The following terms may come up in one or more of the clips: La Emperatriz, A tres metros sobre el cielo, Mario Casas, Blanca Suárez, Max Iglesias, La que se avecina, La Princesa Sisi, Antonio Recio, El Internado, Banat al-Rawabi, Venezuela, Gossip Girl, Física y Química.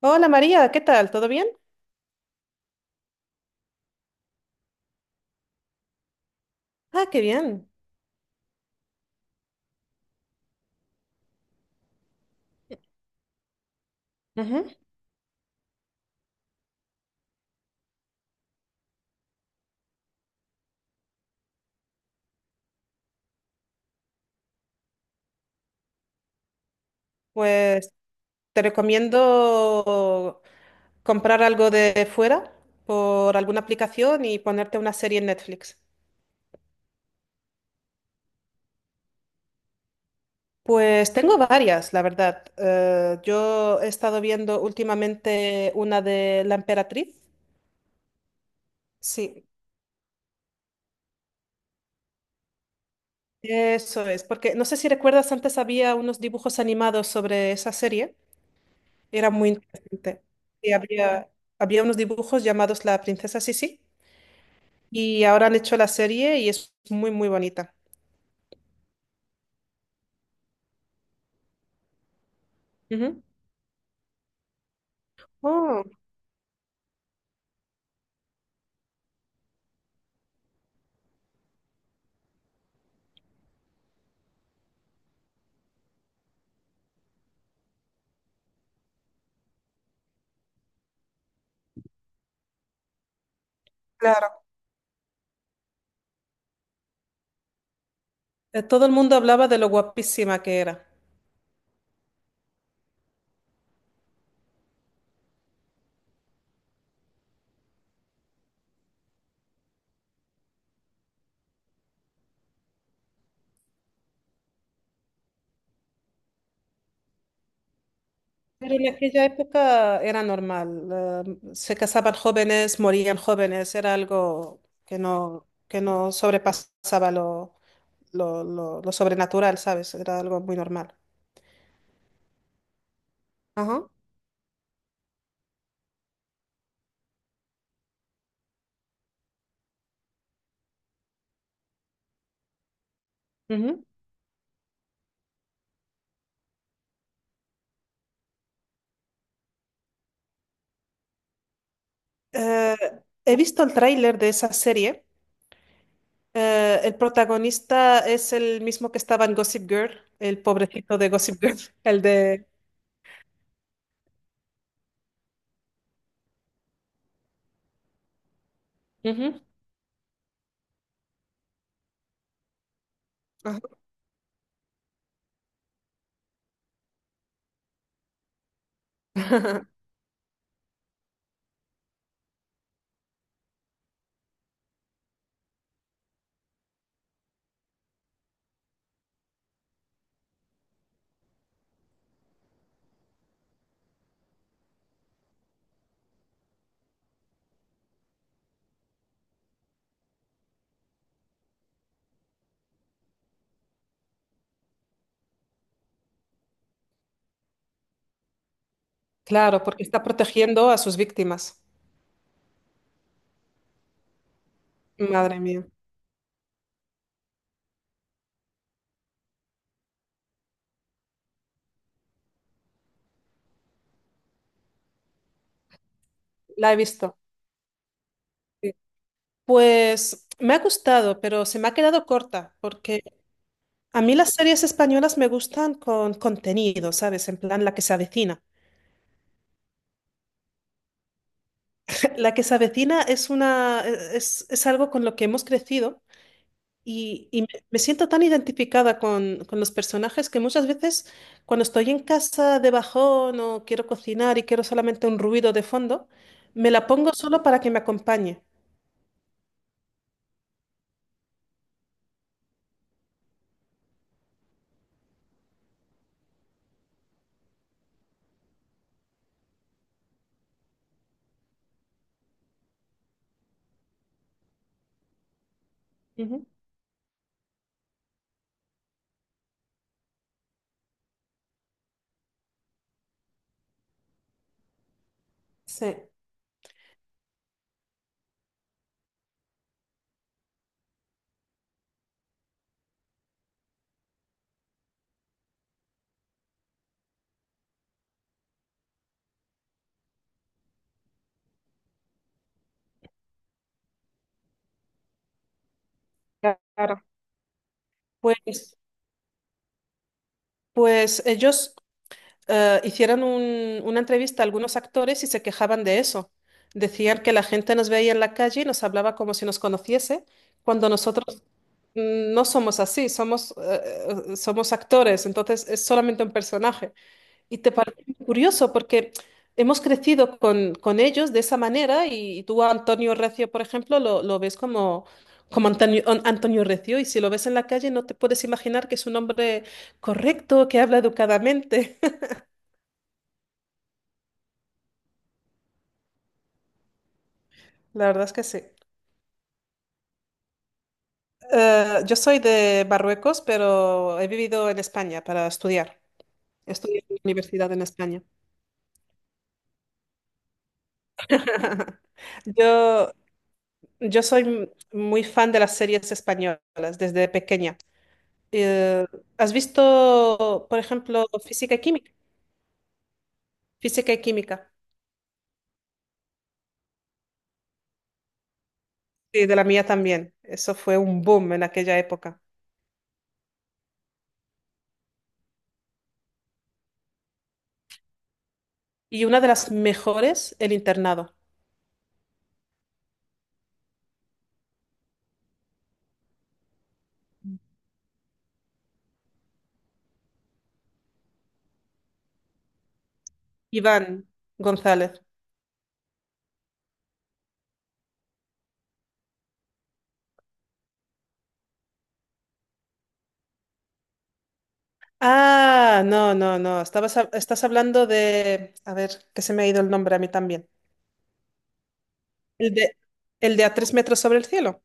Hola María, ¿qué tal? ¿Todo bien? Ah, qué bien. Ujú. Pues te recomiendo comprar algo de fuera por alguna aplicación y ponerte una serie en Netflix. Pues tengo varias, la verdad. Yo he estado viendo últimamente una de La Emperatriz. Sí, eso es, porque no sé si recuerdas, antes había unos dibujos animados sobre esa serie. Era muy interesante. Y había, había unos dibujos llamados La Princesa Sisi. Y ahora han hecho la serie y es muy, muy bonita. Ujú. Oh, claro. Todo el mundo hablaba de lo guapísima que era, pero en aquella época era normal. Se casaban jóvenes, morían jóvenes, era algo que no sobrepasaba lo sobrenatural, ¿sabes? Era algo muy normal. Ajá. Ujú. Eh, He visto el tráiler de esa serie. El protagonista es el mismo que estaba en Gossip Girl, el pobrecito de Gossip Girl, el de... Ujú, ajá. Claro, porque está protegiendo a sus víctimas. Madre mía, la he visto. Sí. Pues me ha gustado, pero se me ha quedado corta, porque a mí las series españolas me gustan con contenido, ¿sabes? En plan, la que se avecina. La que se avecina es es algo con lo que hemos crecido. Y me siento tan identificada con los personajes que muchas veces cuando estoy en casa de bajón o quiero cocinar y quiero solamente un ruido de fondo, me la pongo solo para que me acompañe. Ujú. Sí. Claro. Pues, pues ellos hicieron una entrevista a algunos actores y se quejaban de eso. Decían que la gente nos veía en la calle y nos hablaba como si nos conociese, cuando nosotros no somos así, somos actores, entonces es solamente un personaje. Y te parece curioso porque hemos crecido con ellos de esa manera y, tú a Antonio Recio, por ejemplo, lo ves como, como Antonio, Antonio Recio, y si lo ves en la calle no te puedes imaginar que es un hombre correcto, que habla educadamente. La verdad es que sí. Yo soy de Marruecos, pero he vivido en España para estudiar. Estudié en la universidad en España. Yo, Yo soy muy fan de las series españolas desde pequeña. Eh, ¿Has visto, por ejemplo, Física y Química? Física y Química. Sí, de la mía también. Eso fue un boom en aquella época. Y una de las mejores, El Internado. Iván González. Ah, no, no, no. Estás hablando de... A ver, que se me ha ido el nombre a mí también. El de, el de A tres metros sobre el cielo.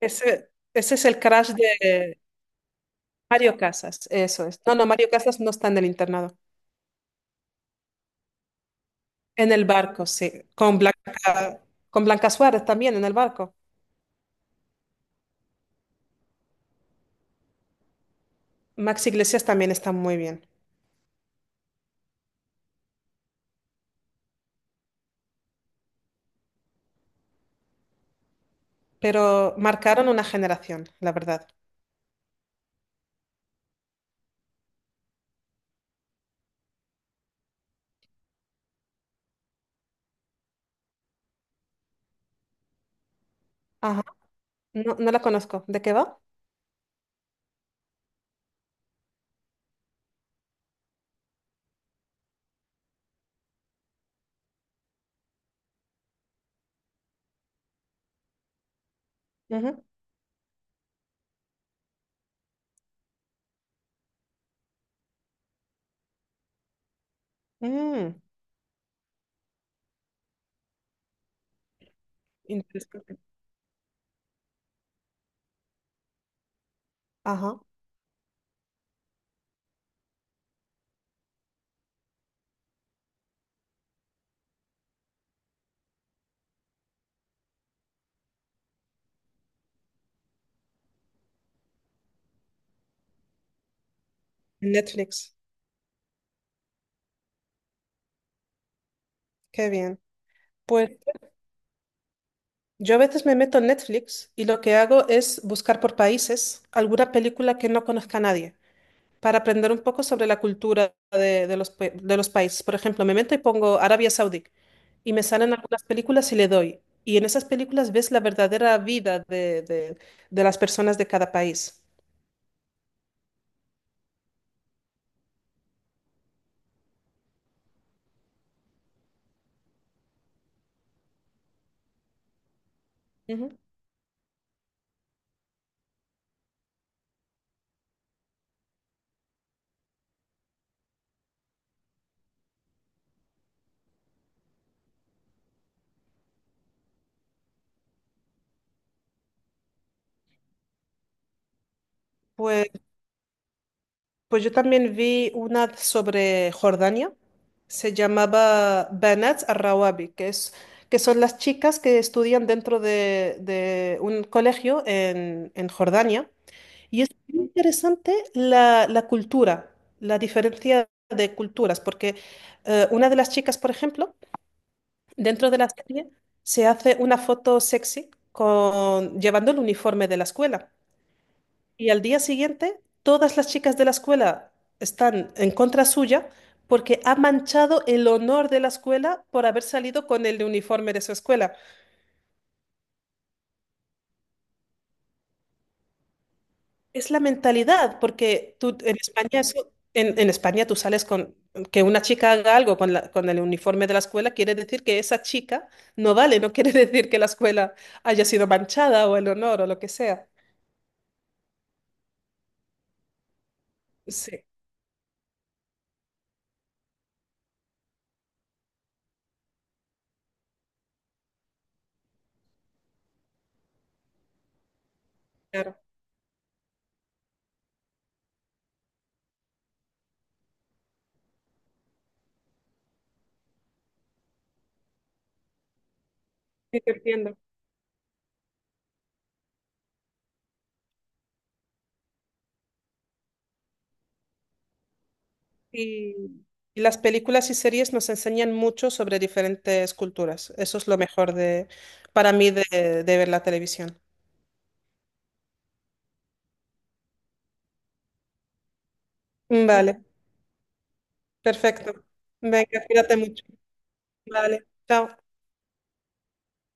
Ese es el crash de... Mario Casas, eso es. No, no, Mario Casas no está en el internado. En el barco, sí. Con Blanca Suárez también en el barco. Max Iglesias también está muy bien. Pero marcaron una generación, la verdad. Ajá. No, no la conozco. ¿De qué va? Ujú. Mm, interesante. Ajá. Netflix. Qué bien. Pues yo a veces me meto en Netflix y lo que hago es buscar por países alguna película que no conozca nadie, para aprender un poco sobre la cultura de los países. Por ejemplo, me meto y pongo Arabia Saudí y me salen algunas películas y le doy. Y en esas películas ves la verdadera vida de las personas de cada país. Ujú. Pues Pues yo también vi una sobre Jordania, se llamaba Banat al-Rawabi, que son las chicas que estudian dentro de un colegio en Jordania. Y es muy interesante la, la cultura, la diferencia de culturas, porque una de las chicas, por ejemplo, dentro de la serie se hace una foto sexy con, llevando el uniforme de la escuela. Y al día siguiente, todas las chicas de la escuela están en contra suya porque ha manchado el honor de la escuela por haber salido con el uniforme de su escuela. Es la mentalidad, porque tú en España, en España tú sales con que una chica haga algo con el uniforme de la escuela, quiere decir que esa chica no vale, no quiere decir que la escuela haya sido manchada o el honor o lo que sea. Sí, claro, sí, te entiendo. Y y las películas y series nos enseñan mucho sobre diferentes culturas. Eso es lo mejor para mí, de ver la televisión. Vale, perfecto. Venga, cuídate mucho. Vale, chao.